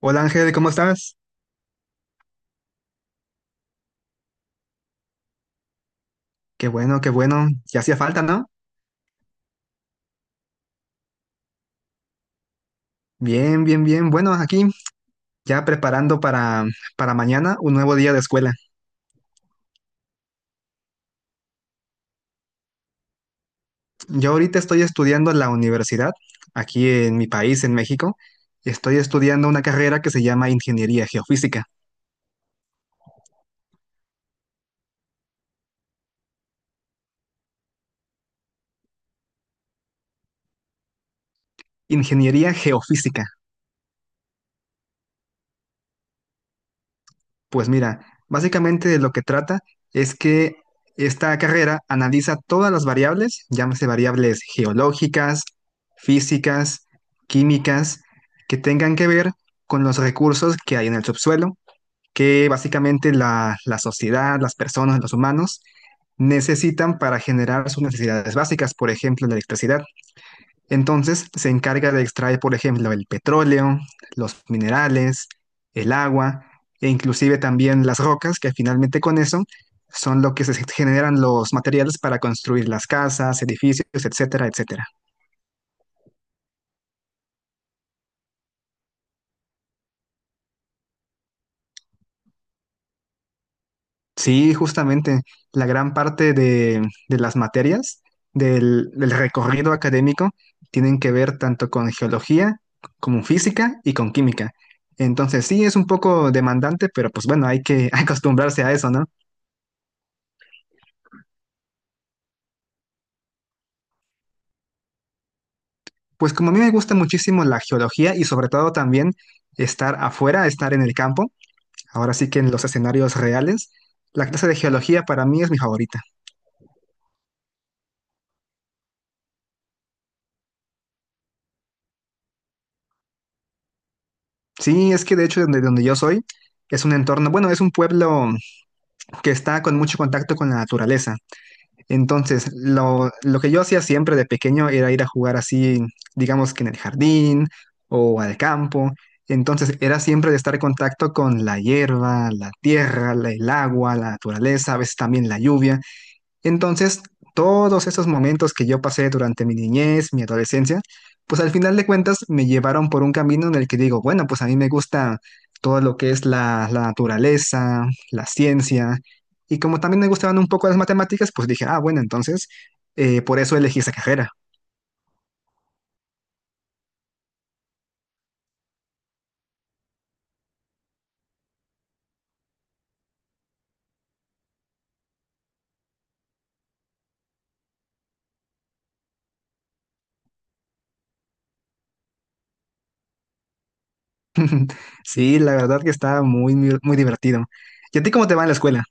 Hola Ángel, ¿cómo estás? Qué bueno, qué bueno. Ya hacía falta, ¿no? Bien, bien, bien. Bueno, aquí ya preparando para mañana un nuevo día de escuela. Yo ahorita estoy estudiando en la universidad, aquí en mi país, en México. Estoy estudiando una carrera que se llama Ingeniería Geofísica. Ingeniería Geofísica. Pues mira, básicamente de lo que trata es que esta carrera analiza todas las variables, llámese variables geológicas, físicas, químicas, que tengan que ver con los recursos que hay en el subsuelo, que básicamente la sociedad, las personas, los humanos necesitan para generar sus necesidades básicas, por ejemplo, la electricidad. Entonces se encarga de extraer, por ejemplo, el petróleo, los minerales, el agua e inclusive también las rocas, que finalmente con eso son lo que se generan los materiales para construir las casas, edificios, etcétera, etcétera. Sí, justamente la gran parte de las materias del recorrido académico tienen que ver tanto con geología como física y con química. Entonces sí, es un poco demandante, pero pues bueno, hay que acostumbrarse a eso, ¿no? Pues como a mí me gusta muchísimo la geología y sobre todo también estar afuera, estar en el campo, ahora sí que en los escenarios reales, la clase de geología para mí es mi favorita. Sí, es que de hecho donde yo soy es un entorno, bueno, es un pueblo que está con mucho contacto con la naturaleza. Entonces, lo que yo hacía siempre de pequeño era ir a jugar así, digamos que en el jardín o al campo. Entonces, era siempre de estar en contacto con la hierba, la tierra, el agua, la naturaleza, a veces también la lluvia. Entonces, todos esos momentos que yo pasé durante mi niñez, mi adolescencia, pues al final de cuentas me llevaron por un camino en el que digo, bueno, pues a mí me gusta todo lo que es la naturaleza, la ciencia, y como también me gustaban un poco las matemáticas, pues dije, ah, bueno, entonces, por eso elegí esa carrera. Sí, la verdad que está muy, muy muy divertido. ¿Y a ti cómo te va en la escuela?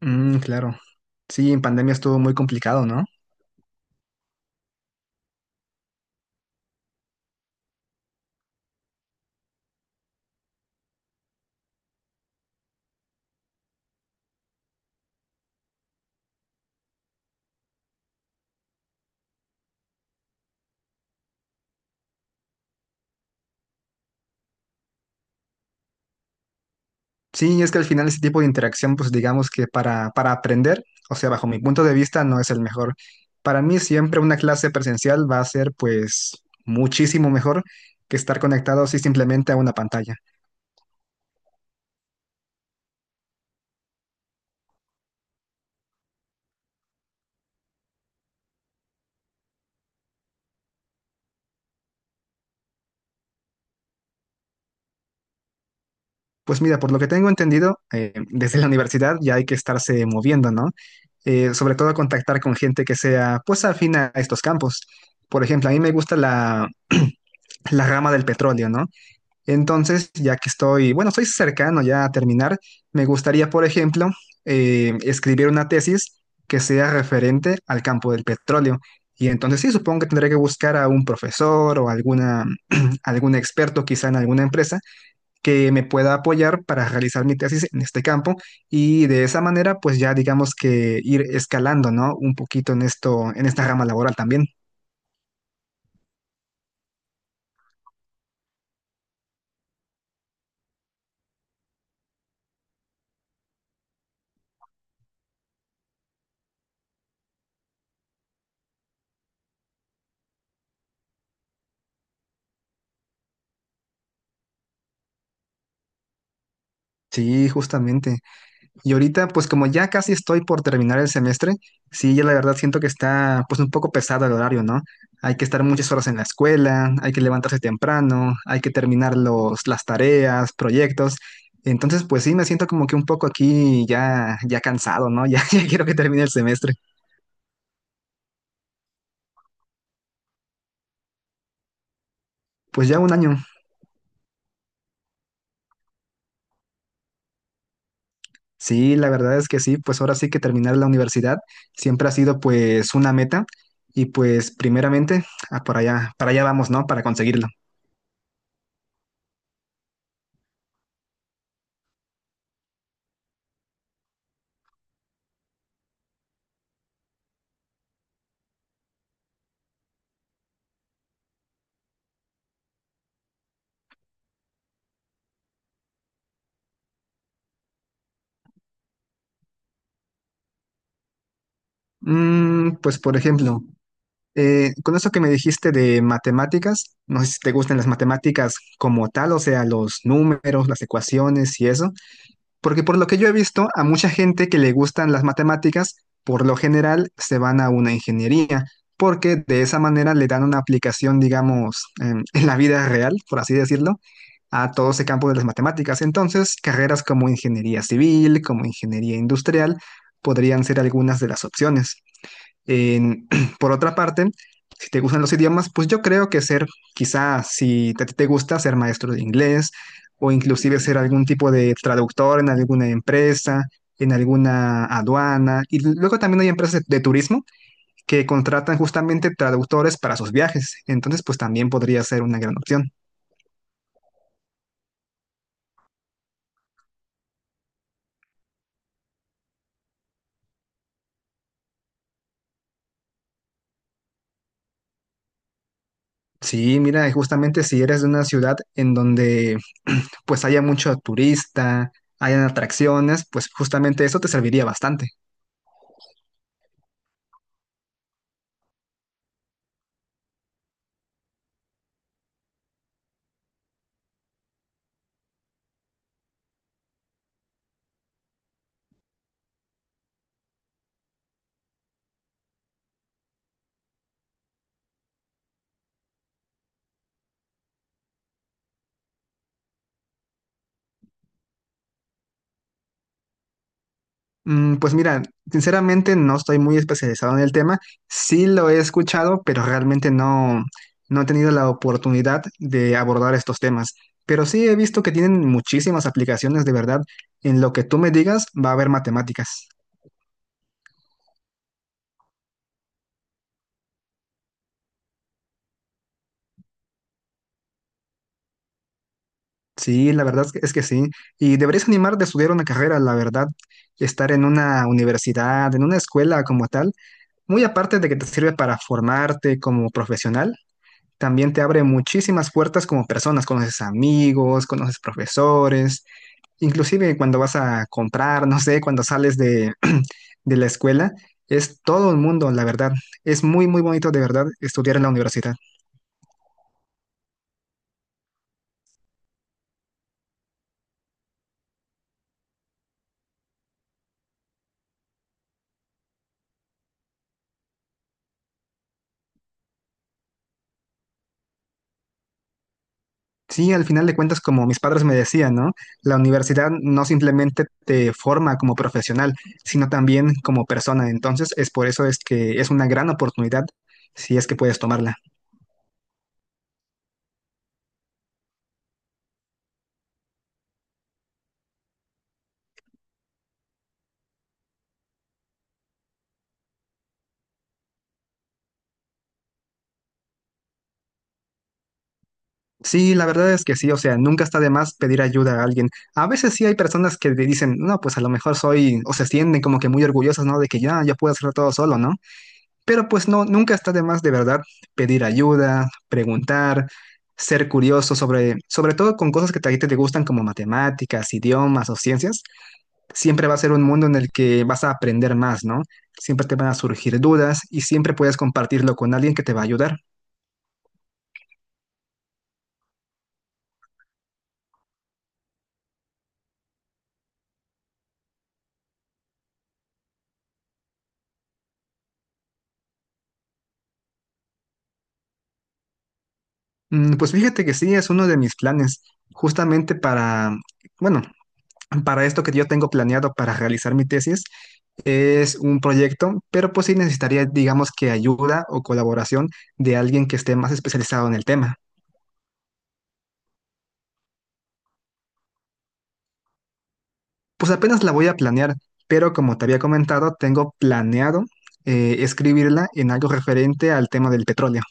Mm, claro. Sí, en pandemia estuvo muy complicado, ¿no? Sí, es que al final ese tipo de interacción, pues digamos que para aprender, o sea, bajo mi punto de vista, no es el mejor. Para mí siempre una clase presencial va a ser pues muchísimo mejor que estar conectado así simplemente a una pantalla. Pues mira, por lo que tengo entendido, desde la universidad ya hay que estarse moviendo, ¿no? Sobre todo contactar con gente que sea pues afín a estos campos. Por ejemplo, a mí me gusta la rama del petróleo, ¿no? Entonces, ya que estoy, bueno, estoy cercano ya a terminar, me gustaría, por ejemplo, escribir una tesis que sea referente al campo del petróleo. Y entonces sí, supongo que tendré que buscar a un profesor o alguna, algún experto quizá en alguna empresa que me pueda apoyar para realizar mi tesis en este campo y de esa manera pues ya digamos que ir escalando, ¿no? Un poquito en esto, en esta rama laboral también. Sí, justamente. Y ahorita, pues como ya casi estoy por terminar el semestre, sí, ya la verdad siento que está pues un poco pesado el horario, ¿no? Hay que estar muchas horas en la escuela, hay que levantarse temprano, hay que terminar los, las tareas, proyectos. Entonces, pues sí, me siento como que un poco aquí ya, ya cansado, ¿no? Ya, ya quiero que termine el semestre. Pues ya un año. Sí, la verdad es que sí, pues ahora sí que terminar la universidad siempre ha sido pues una meta y pues primeramente ah, para allá vamos, ¿no? Para conseguirlo. Mm, pues por ejemplo, con eso que me dijiste de matemáticas, no sé si te gustan las matemáticas como tal, o sea, los números, las ecuaciones y eso, porque por lo que yo he visto, a mucha gente que le gustan las matemáticas, por lo general se van a una ingeniería, porque de esa manera le dan una aplicación, digamos, en la vida real, por así decirlo, a todo ese campo de las matemáticas. Entonces, carreras como ingeniería civil, como ingeniería industrial, podrían ser algunas de las opciones. En- por otra parte, si te gustan los idiomas, pues yo creo que ser, quizás si te gusta ser maestro de inglés o inclusive ser algún tipo de traductor en alguna empresa, en alguna aduana. Y luego también hay empresas de turismo que contratan justamente traductores para sus viajes. Entonces, pues también podría ser una gran opción. Sí, mira, y justamente si eres de una ciudad en donde pues haya mucho turista, hayan atracciones, pues justamente eso te serviría bastante. Mm, pues mira, sinceramente no estoy muy especializado en el tema. Sí lo he escuchado, pero realmente no, no he tenido la oportunidad de abordar estos temas. Pero sí he visto que tienen muchísimas aplicaciones de verdad. En lo que tú me digas va a haber matemáticas. Sí, la verdad es que sí. Y deberías animarte a estudiar una carrera, la verdad. Estar en una universidad, en una escuela como tal, muy aparte de que te sirve para formarte como profesional, también te abre muchísimas puertas como personas, conoces amigos, conoces profesores, inclusive cuando vas a comprar, no sé, cuando sales de, de la escuela, es todo el mundo, la verdad. Es muy, muy bonito de verdad estudiar en la universidad. Sí, al final de cuentas, como mis padres me decían, ¿no? La universidad no simplemente te forma como profesional, sino también como persona. Entonces, es por eso es que es una gran oportunidad si es que puedes tomarla. Sí, la verdad es que sí, o sea, nunca está de más pedir ayuda a alguien. A veces sí hay personas que te dicen, no, pues a lo mejor soy, o se sienten como que muy orgullosas, ¿no? De que ya, yo puedo hacerlo todo solo, ¿no? Pero pues no, nunca está de más de verdad pedir ayuda, preguntar, ser curioso sobre, sobre todo con cosas que a ti te gustan como matemáticas, idiomas o ciencias. Siempre va a ser un mundo en el que vas a aprender más, ¿no? Siempre te van a surgir dudas y siempre puedes compartirlo con alguien que te va a ayudar. Mm, pues fíjate que sí, es uno de mis planes, justamente para, bueno, para esto que yo tengo planeado para realizar mi tesis, es un proyecto, pero pues sí necesitaría, digamos que ayuda o colaboración de alguien que esté más especializado en el tema. Pues apenas la voy a planear, pero como te había comentado, tengo planeado escribirla en algo referente al tema del petróleo.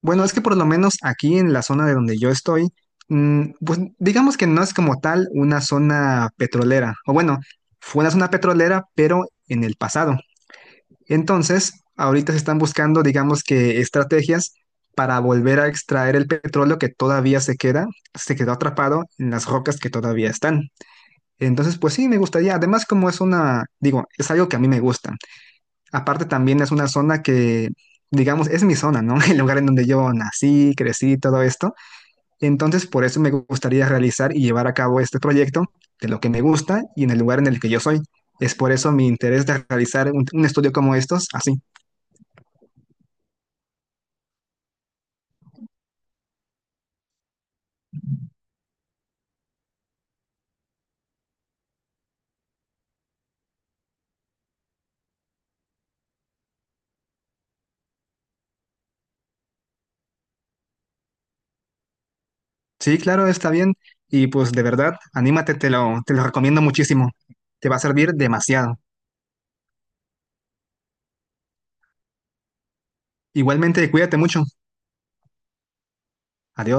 Bueno, es que por lo menos aquí en la zona de donde yo estoy, mm, pues digamos que no es como tal una zona petrolera, o bueno, fue una zona petrolera, pero en el pasado. Entonces, ahorita se están buscando, digamos que estrategias para volver a extraer el petróleo que todavía se queda, se quedó atrapado en las rocas que todavía están. Entonces, pues sí, me gustaría, además como es una, digo, es algo que a mí me gusta. Aparte también es una zona que, digamos, es mi zona, ¿no? El lugar en donde yo nací, crecí, todo esto. Entonces, por eso me gustaría realizar y llevar a cabo este proyecto de lo que me gusta y en el lugar en el que yo soy. Es por eso mi interés de realizar un estudio como estos, así. Sí, claro, está bien. Y pues de verdad, anímate, te lo recomiendo muchísimo. Te va a servir demasiado. Igualmente, cuídate mucho. Adiós.